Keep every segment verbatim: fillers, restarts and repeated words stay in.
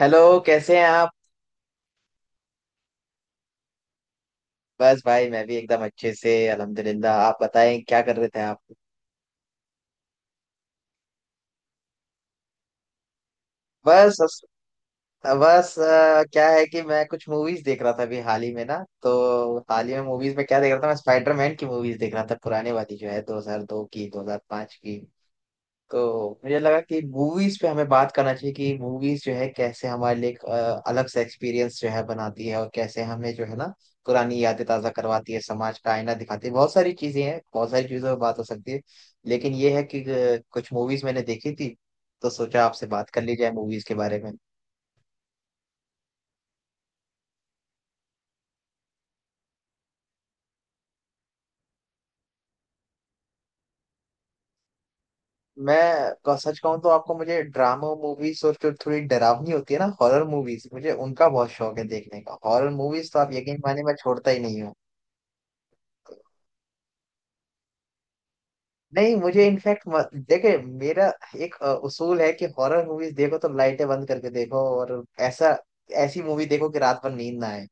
Hello. कैसे हैं आप बस भाई मैं भी एकदम अच्छे से अल्हम्दुलिल्लाह आप बताएं क्या कर रहे थे आप? बस बस अ, क्या है कि मैं कुछ मूवीज देख रहा था अभी हाल ही में ना। तो हाल ही में मूवीज में क्या देख रहा था, मैं स्पाइडरमैन की मूवीज देख रहा था, पुराने वाली जो है दो हज़ार दो की दो हज़ार पांच की। तो मुझे लगा कि मूवीज पे हमें बात करना चाहिए कि मूवीज जो है कैसे हमारे लिए एक अ, अलग सा एक्सपीरियंस जो है बनाती है, और कैसे हमें जो है ना पुरानी यादें ताजा करवाती है, समाज का आईना दिखाती है। बहुत सारी चीजें हैं, बहुत सारी चीजों पर बात हो सकती है, लेकिन ये है कि अ, कुछ मूवीज मैंने देखी थी, तो सोचा आपसे बात कर ली जाए मूवीज के बारे में। मैं क- सच कहूँ तो आपको मुझे ड्रामा मूवीज और जो थोड़ी डरावनी होती है ना हॉरर मूवीज, मुझे उनका बहुत शौक है देखने का। हॉरर मूवीज तो आप यकीन मानिए मैं छोड़ता ही नहीं हूँ। नहीं, मुझे इनफैक्ट देखे मेरा एक अ, उसूल है कि हॉरर मूवीज देखो तो लाइटें बंद करके देखो, और ऐसा ऐसी मूवी देखो कि रात भर नींद ना आए।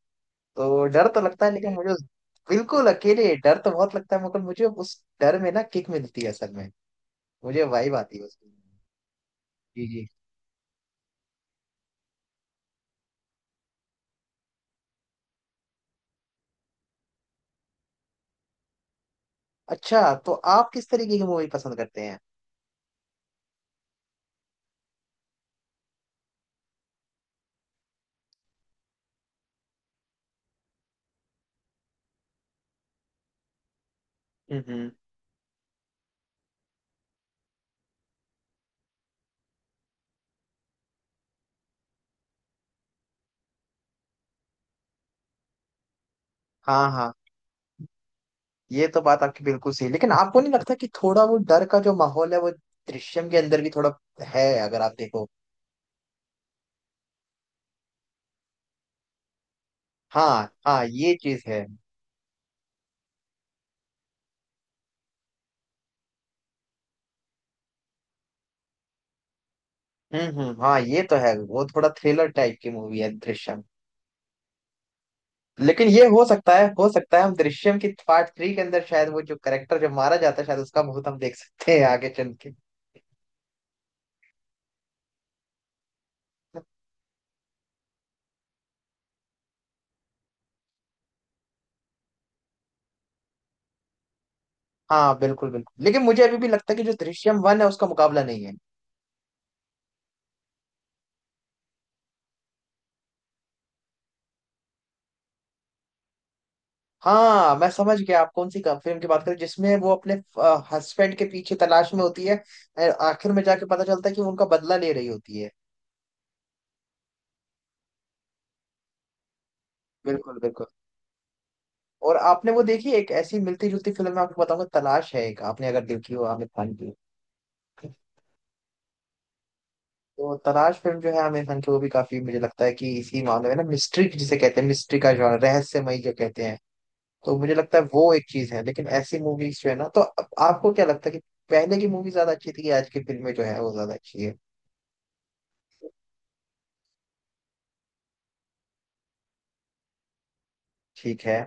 तो डर तो लगता है लेकिन मुझे उस- बिल्कुल अकेले डर तो बहुत लगता है, मगर मुझे उस डर में ना किक मिलती है असल में, मुझे वाइब आती है उसकी। जी जी। अच्छा, तो आप किस तरीके की मूवी पसंद करते हैं? हम्म हम्म। हाँ हाँ, ये तो बात आपकी बिल्कुल सही, लेकिन आपको नहीं लगता कि थोड़ा वो डर का जो माहौल है वो दृश्यम के अंदर भी थोड़ा है? अगर आप देखो। हाँ हाँ, ये चीज है। हम्म हम्म हाँ, ये तो है, वो थोड़ा थ्रिलर टाइप की मूवी है दृश्यम। लेकिन ये हो सकता है, हो सकता है हम दृश्यम की पार्ट थ्री के अंदर शायद वो जो करेक्टर जब मारा जाता है शायद उसका बहुत हम देख सकते हैं आगे चल के। हाँ बिल्कुल बिल्कुल, लेकिन मुझे अभी भी लगता है कि जो दृश्यम वन है उसका मुकाबला नहीं है। हाँ, मैं समझ गया आप कौन सी फिल्म की बात करें, जिसमें वो अपने हस्बैंड के पीछे तलाश में होती है और आखिर में जाके पता चलता है कि वो उनका बदला ले रही होती है। बिल्कुल बिल्कुल। और आपने वो देखी एक ऐसी मिलती जुलती फिल्म, मैं आपको बताऊंगा, तलाश है एक, आपने अगर देखी हो आमिर खान की। तो तलाश फिल्म जो है आमिर खान की, वो भी काफी मुझे लगता है कि इसी मामले में ना मिस्ट्री, जिसे कहते हैं मिस्ट्री का जॉनर, रहस्यमय जो कहते हैं। तो मुझे लगता है वो एक चीज है, लेकिन ऐसी मूवीज जो है ना, तो अब आपको क्या लगता है कि पहले की मूवी ज्यादा अच्छी थी कि आज की फिल्में जो है वो ज्यादा अच्छी है? ठीक है।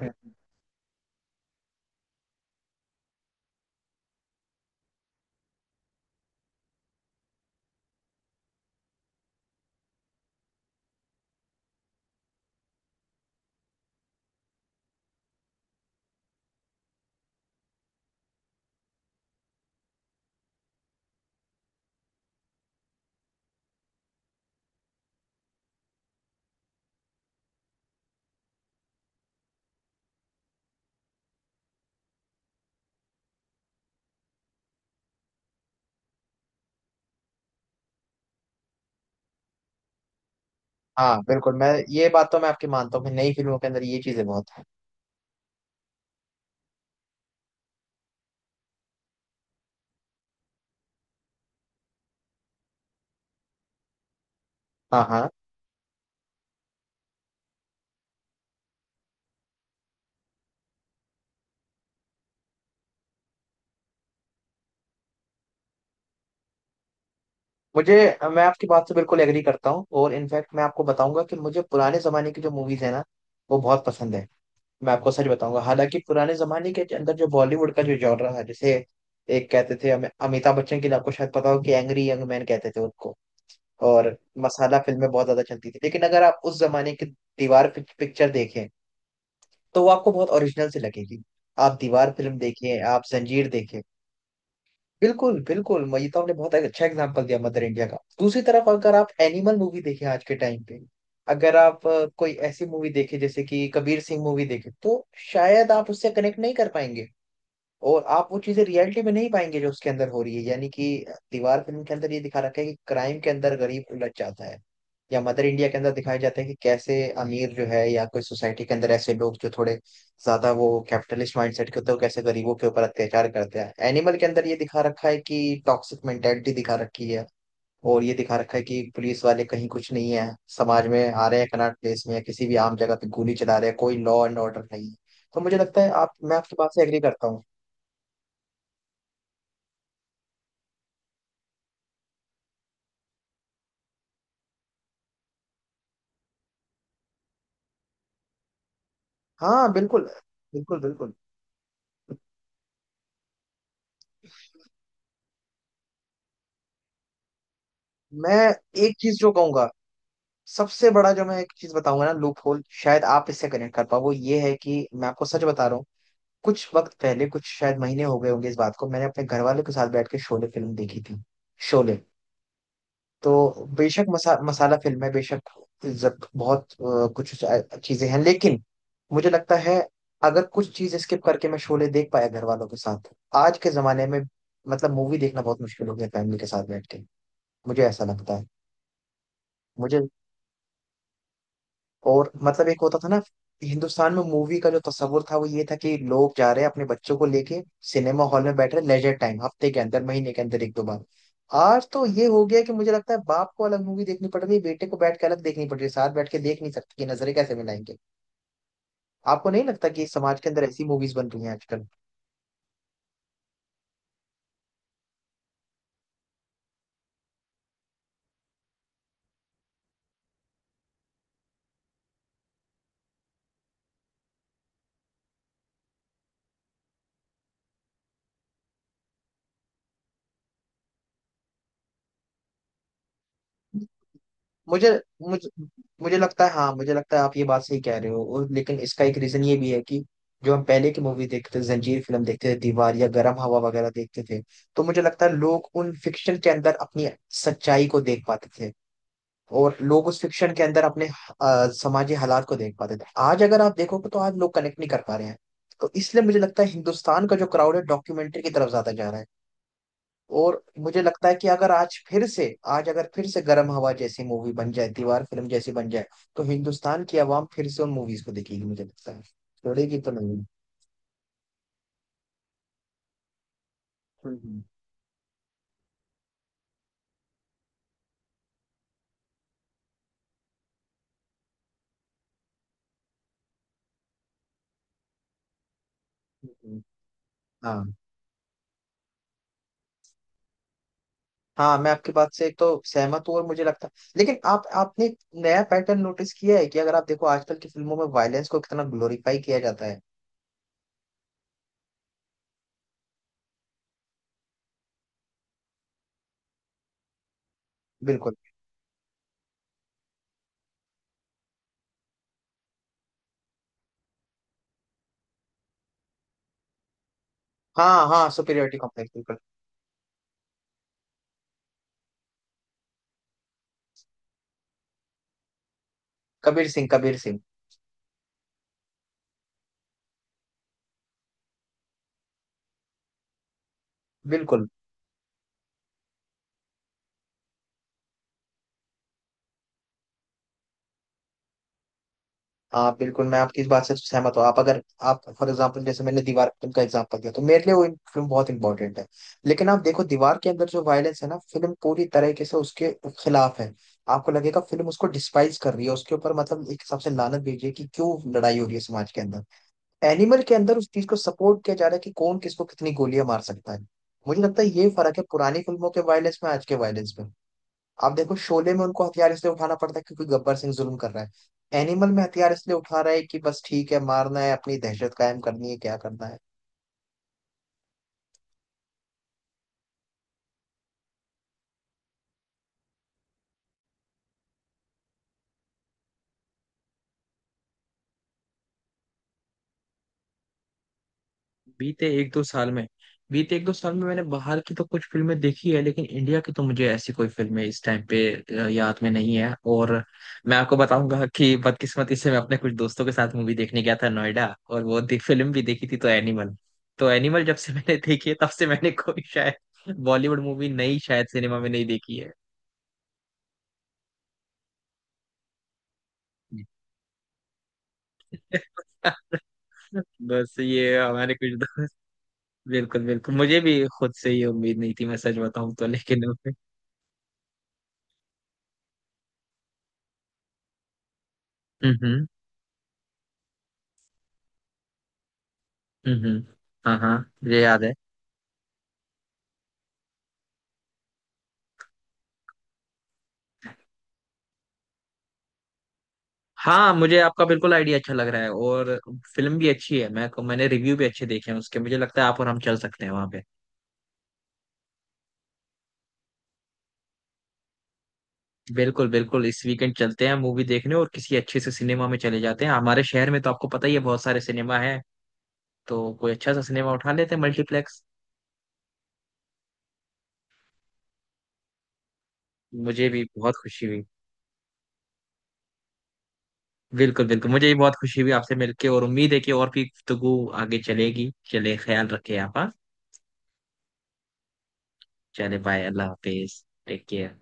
हम्म। हाँ बिल्कुल, मैं ये बात तो मैं आपकी मानता हूँ कि नई फिल्मों के अंदर ये चीजें बहुत है। हाँ हाँ। मुझे मैं आपकी बात से बिल्कुल एग्री करता हूँ, और इनफैक्ट मैं आपको बताऊंगा कि मुझे पुराने जमाने की जो मूवीज है ना वो बहुत पसंद है। मैं आपको सच बताऊंगा, हालांकि पुराने जमाने के अंदर जो बॉलीवुड का जो जॉनरा है जैसे एक कहते थे हमें अमिताभ बच्चन के लिए, आपको शायद पता हो कि एंग्री यंग मैन कहते थे उनको। और मसाला फिल्में बहुत ज्यादा चलती थी, लेकिन अगर आप उस जमाने की दीवार पिक्चर देखें तो वो आपको बहुत ओरिजिनल से लगेगी। आप दीवार फिल्म देखें, आप जंजीर देखें। बिल्कुल बिल्कुल, मैं ये तो आपने बहुत अच्छा एग्जांपल दिया मदर इंडिया का। दूसरी तरफ अगर आप एनिमल मूवी देखें आज के टाइम पे, अगर आप अ, कोई ऐसी मूवी देखें जैसे कि कबीर सिंह मूवी देखें, तो शायद आप उससे कनेक्ट नहीं कर पाएंगे, और आप वो चीजें रियलिटी में नहीं पाएंगे जो उसके अंदर हो रही है। यानी कि दीवार फिल्म के अंदर ये दिखा रखा है कि क्राइम के अंदर गरीब उलझ जाता है, या मदर इंडिया के अंदर दिखाया जाता है कि कैसे अमीर जो है या कोई सोसाइटी के अंदर ऐसे लोग जो थोड़े ज्यादा वो कैपिटलिस्ट माइंडसेट के होते हैं, वो कैसे गरीबों के ऊपर अत्याचार करते हैं। एनिमल के अंदर ये दिखा रखा है कि टॉक्सिक मेंटेलिटी दिखा रखी है, और ये दिखा रखा है कि पुलिस वाले कहीं कुछ नहीं है, समाज में आ रहे हैं, कनॉट प्लेस में या किसी भी आम जगह पे गोली चला रहे हैं, कोई लॉ एंड ऑर्डर नहीं है। तो मुझे लगता है आप, मैं आपकी बात से एग्री करता हूँ। हाँ बिल्कुल बिल्कुल बिल्कुल मैं एक चीज जो कहूंगा, सबसे बड़ा जो मैं एक चीज बताऊंगा ना, लूप होल शायद आप इससे कनेक्ट कर पाओ, वो ये है कि मैं आपको सच बता रहा हूँ, कुछ वक्त पहले, कुछ शायद महीने हो गए होंगे इस बात को, मैंने अपने घर वालों के साथ बैठ के शोले फिल्म देखी थी। शोले तो बेशक मसा, मसाला फिल्म है बेशक। जब बहुत अ, कुछ चीजें हैं, लेकिन मुझे लगता है अगर कुछ चीज स्किप करके मैं शोले देख पाया घर वालों के साथ। आज के जमाने में मतलब मूवी देखना बहुत मुश्किल हो गया फैमिली के साथ बैठ के, मुझे ऐसा लगता है। मुझे और मतलब एक होता था ना, हिंदुस्तान में मूवी का जो तस्वुर था वो ये था कि लोग जा रहे हैं अपने बच्चों को लेके सिनेमा हॉल में बैठ रहे, लेजर टाइम हफ्ते के अंदर महीने के अंदर एक दो बार। आज तो ये हो गया कि मुझे लगता है बाप को अलग मूवी देखनी पड़ रही है, बेटे को बैठ के अलग देखनी पड़ रही है, साथ बैठ के देख नहीं सकते कि नजरें कैसे मिलाएंगे। आपको नहीं लगता कि समाज के अंदर ऐसी मूवीज बन रही हैं आजकल? मुझे मुझे मुझे लगता है, हाँ मुझे लगता है आप ये बात सही कह रहे हो, और लेकिन इसका एक रीजन ये भी है कि जो हम पहले की मूवी देखते थे, जंजीर फिल्म देखते थे, दीवार या गरम हवा वगैरह देखते थे, तो मुझे लगता है लोग उन फिक्शन के अंदर अपनी सच्चाई को देख पाते थे, और लोग उस फिक्शन के अंदर अपने अ, सामाजिक हालात को देख पाते थे। आज अगर आप देखोगे तो आज लोग कनेक्ट नहीं कर पा रहे हैं, तो इसलिए मुझे लगता है हिंदुस्तान का जो क्राउड है डॉक्यूमेंट्री की तरफ ज्यादा जा रहा है। और मुझे लगता है कि अगर आज फिर से, आज अगर फिर से गर्म हवा जैसी मूवी बन जाए, दीवार फिल्म जैसी बन जाए, तो हिंदुस्तान की आवाम फिर से उन मूवीज को देखेगी, मुझे लगता है छोड़ेगी तो नहीं। हम्म हम्म, हम्म, हाँ हाँ, मैं आपकी बात से एक तो सहमत हूँ, और मुझे लगता है लेकिन आप, आपने एक नया पैटर्न नोटिस किया है कि अगर आप देखो आजकल की फिल्मों में वायलेंस को कितना ग्लोरीफाई किया जाता है। बिल्कुल। हाँ हाँ, सुपीरियरिटी कॉम्प्लेक्स, बिल्कुल। कबीर सिंह, कबीर सिंह। बिल्कुल। हाँ बिल्कुल, मैं आपकी इस बात से सहमत हूँ। आप अगर, आप फॉर एग्जांपल जैसे मैंने दीवार फिल्म का एग्जांपल दिया, तो मेरे लिए वो फिल्म बहुत इंपॉर्टेंट है, लेकिन आप देखो दीवार के अंदर जो वायलेंस है ना, फिल्म पूरी तरीके से उसके खिलाफ है। आपको लगेगा फिल्म उसको डिस्पाइज कर रही है उसके ऊपर, मतलब एक हिसाब से लानत भेज रही है कि क्यों लड़ाई हो रही है समाज के अंदर। एनिमल के अंदर उस चीज को सपोर्ट किया जा रहा है कि कौन किसको कितनी गोलियां मार सकता है। मुझे लगता है ये फर्क है पुरानी फिल्मों के वायलेंस में आज के वायलेंस में। आप देखो शोले में उनको हथियार इसलिए उठाना पड़ता है क्योंकि गब्बर सिंह जुल्म कर रहा है, एनिमल में हथियार इसलिए उठा रहा है कि बस ठीक है मारना है, अपनी दहशत कायम करनी है, क्या करना है। बीते एक दो साल में बीते एक दो साल में मैंने बाहर की तो कुछ फिल्में देखी है, लेकिन इंडिया की तो मुझे ऐसी कोई फिल्में इस टाइम पे अ, याद में नहीं है। और मैं आपको बताऊंगा कि बदकिस्मती से मैं अपने कुछ दोस्तों के साथ मूवी देखने गया था नोएडा, और वो दे, फिल्म भी देखी थी तो एनिमल, तो एनिमल जब से मैंने देखी है तब से मैंने कोई शायद बॉलीवुड मूवी नई शायद सिनेमा में नहीं देखी है। बस ये हमारे कुछ दोस्त। बिल्कुल बिल्कुल, मुझे भी खुद से ये उम्मीद नहीं थी मैं सच बताऊं तो, लेकिन ओके। हम्म हम्म हम्म, हाँ हाँ, ये याद है। हाँ, मुझे आपका बिल्कुल आइडिया अच्छा लग रहा है, और फिल्म भी अच्छी है। मैं मैंने रिव्यू भी अच्छे देखे हैं उसके, मुझे लगता है आप और हम चल सकते हैं वहाँ पे। बिल्कुल बिल्कुल, इस वीकेंड चलते हैं मूवी देखने और किसी अच्छे से सिनेमा में चले जाते हैं। हमारे शहर में तो आपको पता ही है बहुत सारे सिनेमा है, तो कोई अच्छा सा सिनेमा उठा लेते हैं, मल्टीप्लेक्स। मुझे भी बहुत खुशी हुई। बिल्कुल बिल्कुल, मुझे भी बहुत खुशी हुई आपसे मिलके, और उम्मीद है कि और भी गुफ्तगू आगे चलेगी। चले, ख्याल रखे आप, हाँ? चले, बाय, अल्लाह हाफिज, टेक केयर।